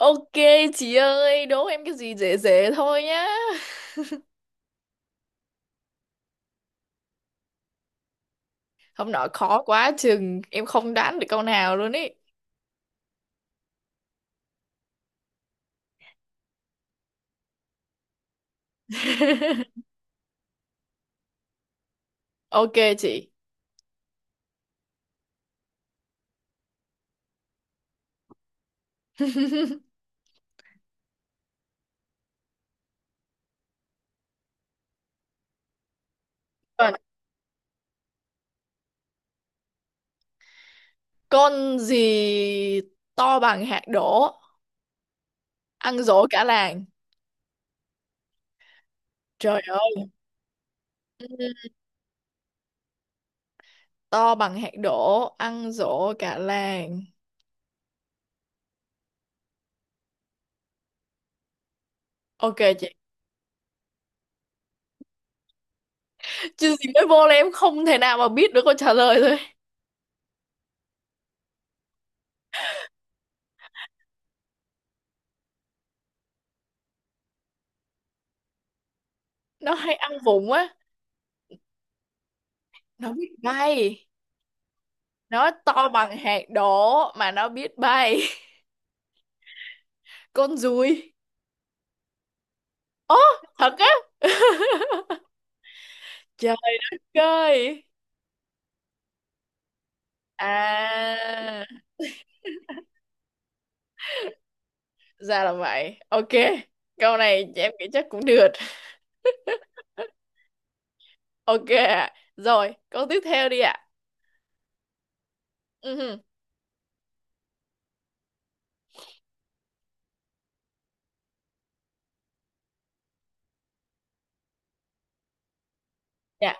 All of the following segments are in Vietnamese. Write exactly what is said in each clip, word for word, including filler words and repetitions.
Ok chị ơi, đố em cái gì dễ dễ thôi nhá. Hôm nọ khó quá chừng em không đoán được câu nào luôn ý. Ok chị. Còn con gì to bằng hạt đỗ, ăn dỗ cả làng. Trời ơi, ừ, to bằng hạt đỗ, ăn dỗ cả làng. Ok chị. Chứ gì mới vô là em không thể nào mà biết được câu trả lời rồi. Nó hay ăn vụng á, nó biết bay. Nó to bằng hạt đỗ mà nó biết bay. Con ruồi. Ố, thật á? Trời ơi, à, ra là vậy. Ok, câu này em nghĩ chắc cũng được. Ok ạ. Rồi, câu tiếp theo đi ạ. Ừ, dạ.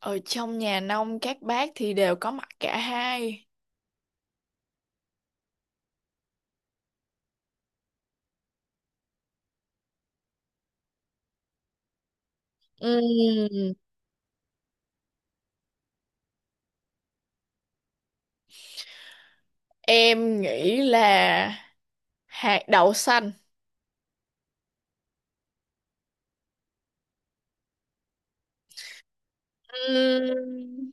Ở trong nhà nông các bác thì đều có mặt cả hai. Ừm, em nghĩ là hạt đậu xanh. Ừm,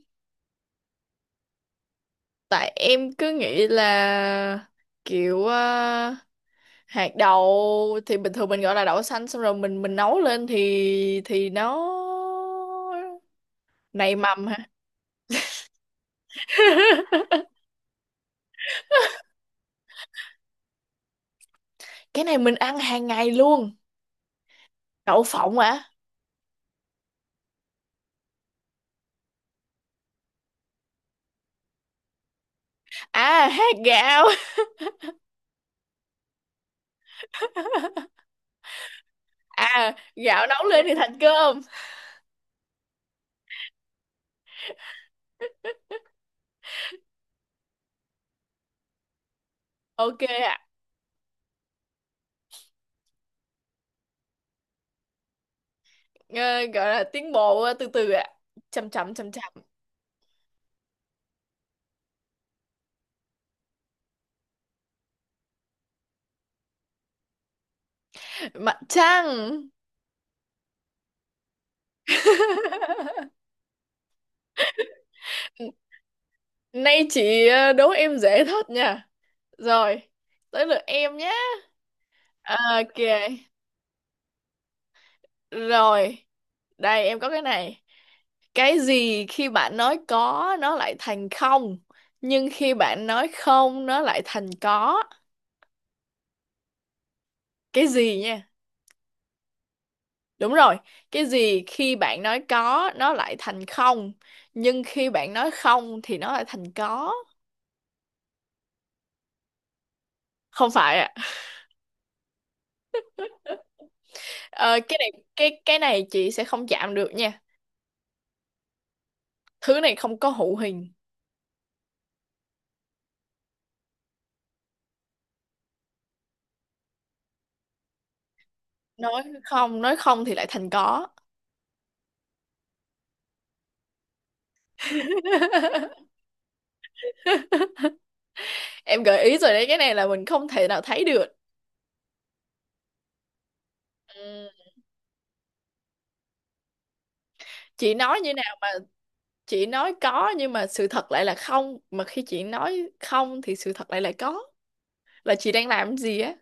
Tại em cứ nghĩ là kiểu ờ, hạt đậu thì bình thường mình gọi là đậu xanh, xong rồi mình mình nấu lên thì thì nó nảy mầm hả? Cái này mình ăn hàng ngày luôn. Đậu phộng hả? À, hạt gạo. À, gạo nấu lên thì thành cơm. Ok ạ. Ờ, gọi là tiến bộ ờ, từ từ ạ, chậm chậm chậm chậm. Mặt trăng. Nay chị ờ, đố em dễ thật nha. Rồi, tới lượt em nhé. À, ok, rồi, đây em có cái này. Cái gì khi bạn nói có nó lại thành không, nhưng khi bạn nói không nó lại thành có. Cái gì nha? Đúng rồi, cái gì khi bạn nói có nó lại thành không, nhưng khi bạn nói không thì nó lại thành có. Không phải ạ. Ờ, cái này cái cái này chị sẽ không chạm được nha. Thứ này không có hữu hình. Nói không, nói không thì lại thành có. Em gợi ý rồi đấy, cái này là mình không thể nào thấy được. Ừ. Chị nói như nào? Chị nói có nhưng mà sự thật lại là không, mà khi chị nói không thì sự thật lại là có, là chị đang làm gì á?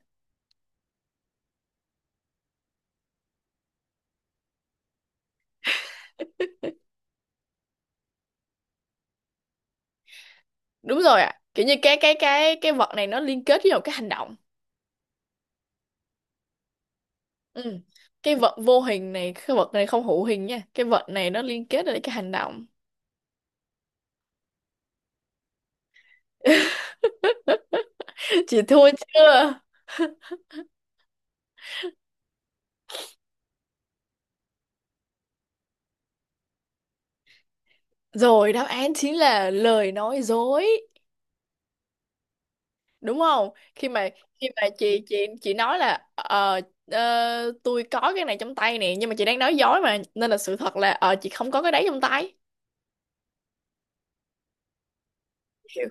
Đúng rồi ạ, kiểu như cái cái cái cái vật này nó liên kết với một cái hành động. Ừ. Cái vật vô hình này, cái vật này không hữu hình nha, cái vật này nó liên kết với cái hành động. Chị thua chưa? Rồi, đáp án chính là lời nói dối, đúng không? Khi mà khi mà chị chị chị nói là ờ ờ, tôi có cái này trong tay nè, nhưng mà chị đang nói dối mà, nên là sự thật là ờ chị không có cái đấy trong tay. Hiểu.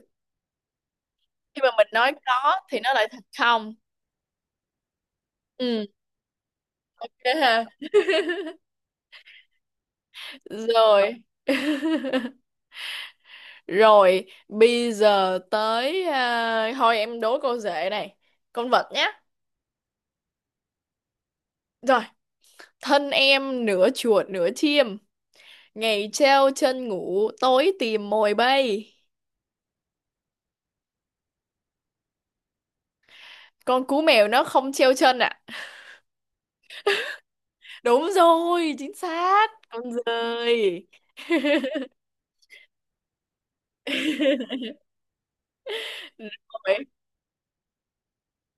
Khi mà mình nói có thì nó lại thật không. Ừ. Thế ha? Rồi, rồi, bây giờ tới. À, thôi em đố cô dễ này, con vật nhá. Rồi, thân em nửa chuột nửa chim, ngày treo chân ngủ tối tìm mồi bay. Con cú mèo nó không treo chân ạ. Đúng rồi, chính xác. Con dơi. Rồi.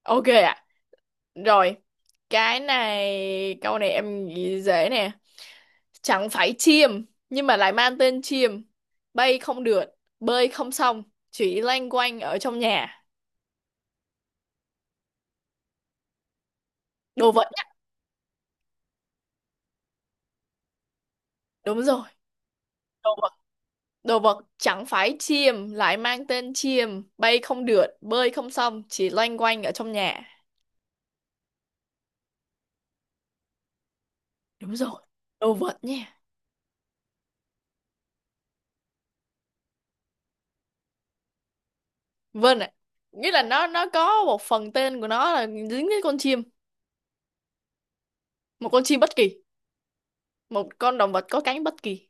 Ok ạ. Rồi. Cái này, câu này em nghĩ dễ nè. Chẳng phải chim, nhưng mà lại mang tên chim. Bay không được, bơi không xong, chỉ loanh quanh ở trong nhà. Đồ vật nhá. Đúng rồi. Đồ vật. Đồ vật chẳng phải chim, lại mang tên chim. Bay không được, bơi không xong, chỉ loanh quanh ở trong nhà. Đúng rồi. Đồ vật nha. Vâng ạ. Nghĩa là nó nó có một phần tên của nó là dính với con chim, một con chim bất kỳ, một con động vật có cánh bất kỳ.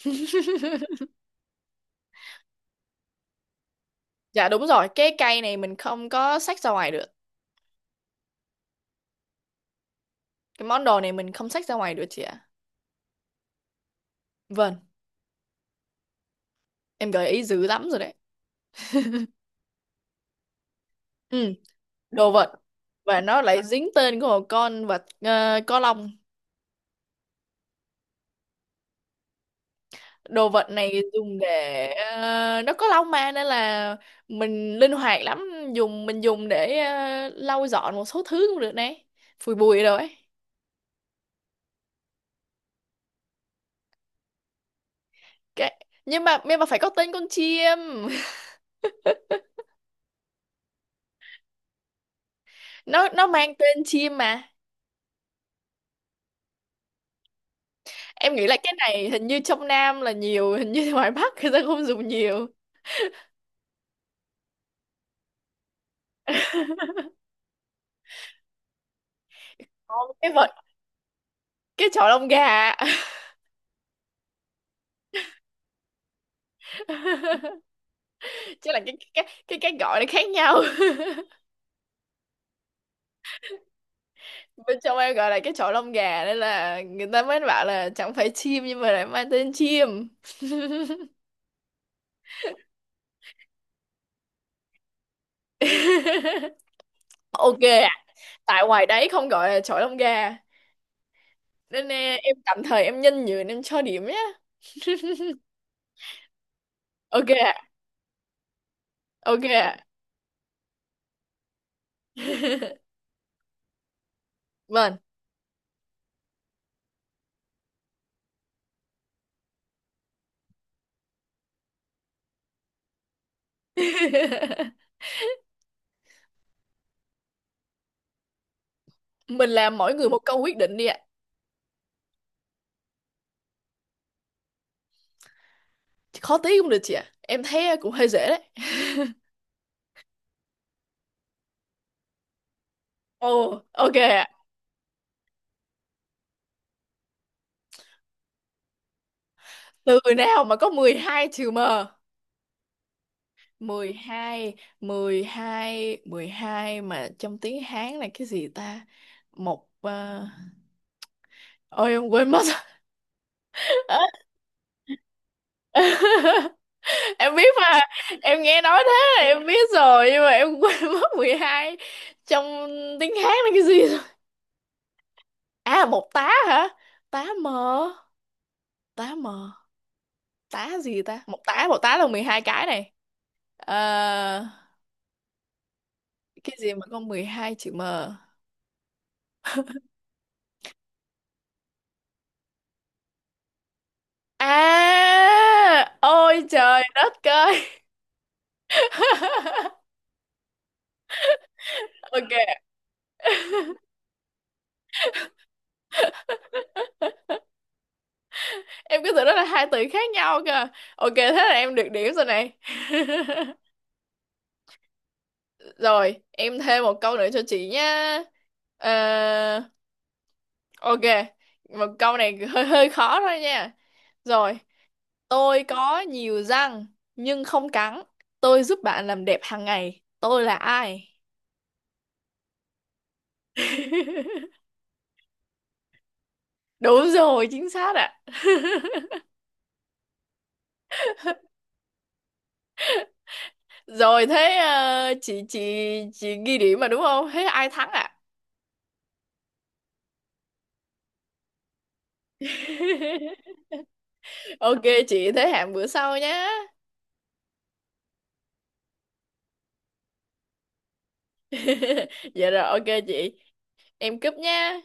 Dạ đúng rồi, cái cây này mình không có xách ra ngoài được. Cái món đồ này mình không xách ra ngoài được chị ạ. Vâng, em gợi ý dữ lắm rồi đấy. Ừ, đồ vật. Và nó lại dính tên của một con vật ờ, có lông. Đồ vật này dùng để ờ, nó có lông mà nên là mình linh hoạt lắm, dùng mình dùng để ờ, lau dọn một số thứ cũng được đấy. Phủi bụi rồi ấy. Cái nhưng mà nhưng mà phải có tên con chim. nó nó mang tên chim mà. Em nghĩ là cái này hình như trong Nam là nhiều, hình như ngoài Bắc người ta không dùng nhiều. Còn cái vật Cái chọi lông gà. Chứ là cái cái cái cái gọi nó khác nhau. Bên trong em gọi là cái chọi lông gà, nên là người ta mới bảo là chẳng phải chim nhưng mà lại mang tên chim. Ok ạ. Tại ngoài đấy không gọi là chọi lông gà nên eh, em tạm thời em nhân nhường, em cho điểm nhé. Ok ạ, ok ạ. Vâng. Mình làm mỗi người một câu quyết định đi ạ. Khó tí cũng được chị ạ. Em thấy cũng hơi dễ đấy. Ồ, ok ạ. Từ nào mà có mười hai chữ M? Mười mười hai mười hai Mười hai mà trong tiếng Hán là cái gì ta? Một ờ, Ôi em quên mất. Em biết mà, em nghe nói thế là em biết rồi, nhưng mà em quên mất mười hai trong tiếng Hán là cái gì rồi. À, một tá hả? Tá mờ. Tá mờ, tá gì ta, một tá, một tá là mười hai cái này. Ờ, cái gì mà có mười hai chữ m. À ôi trời đất ơi. Ok, em cứ tưởng đó là hai từ khác nhau cơ. Ok thế là em được điểm rồi này. Rồi, em thêm một câu nữa cho chị nhá. Ờ, ok, một câu này hơi hơi khó thôi nha. Rồi, tôi có nhiều răng nhưng không cắn, tôi giúp bạn làm đẹp hàng ngày, tôi là ai? Đúng rồi, chính xác ạ. Rồi thế ờ, chị chị chị ghi điểm mà đúng không? Thế ai thắng ạ? Ok chị, thế hẹn bữa sau nhé. Dạ rồi, ok chị, em cúp nha.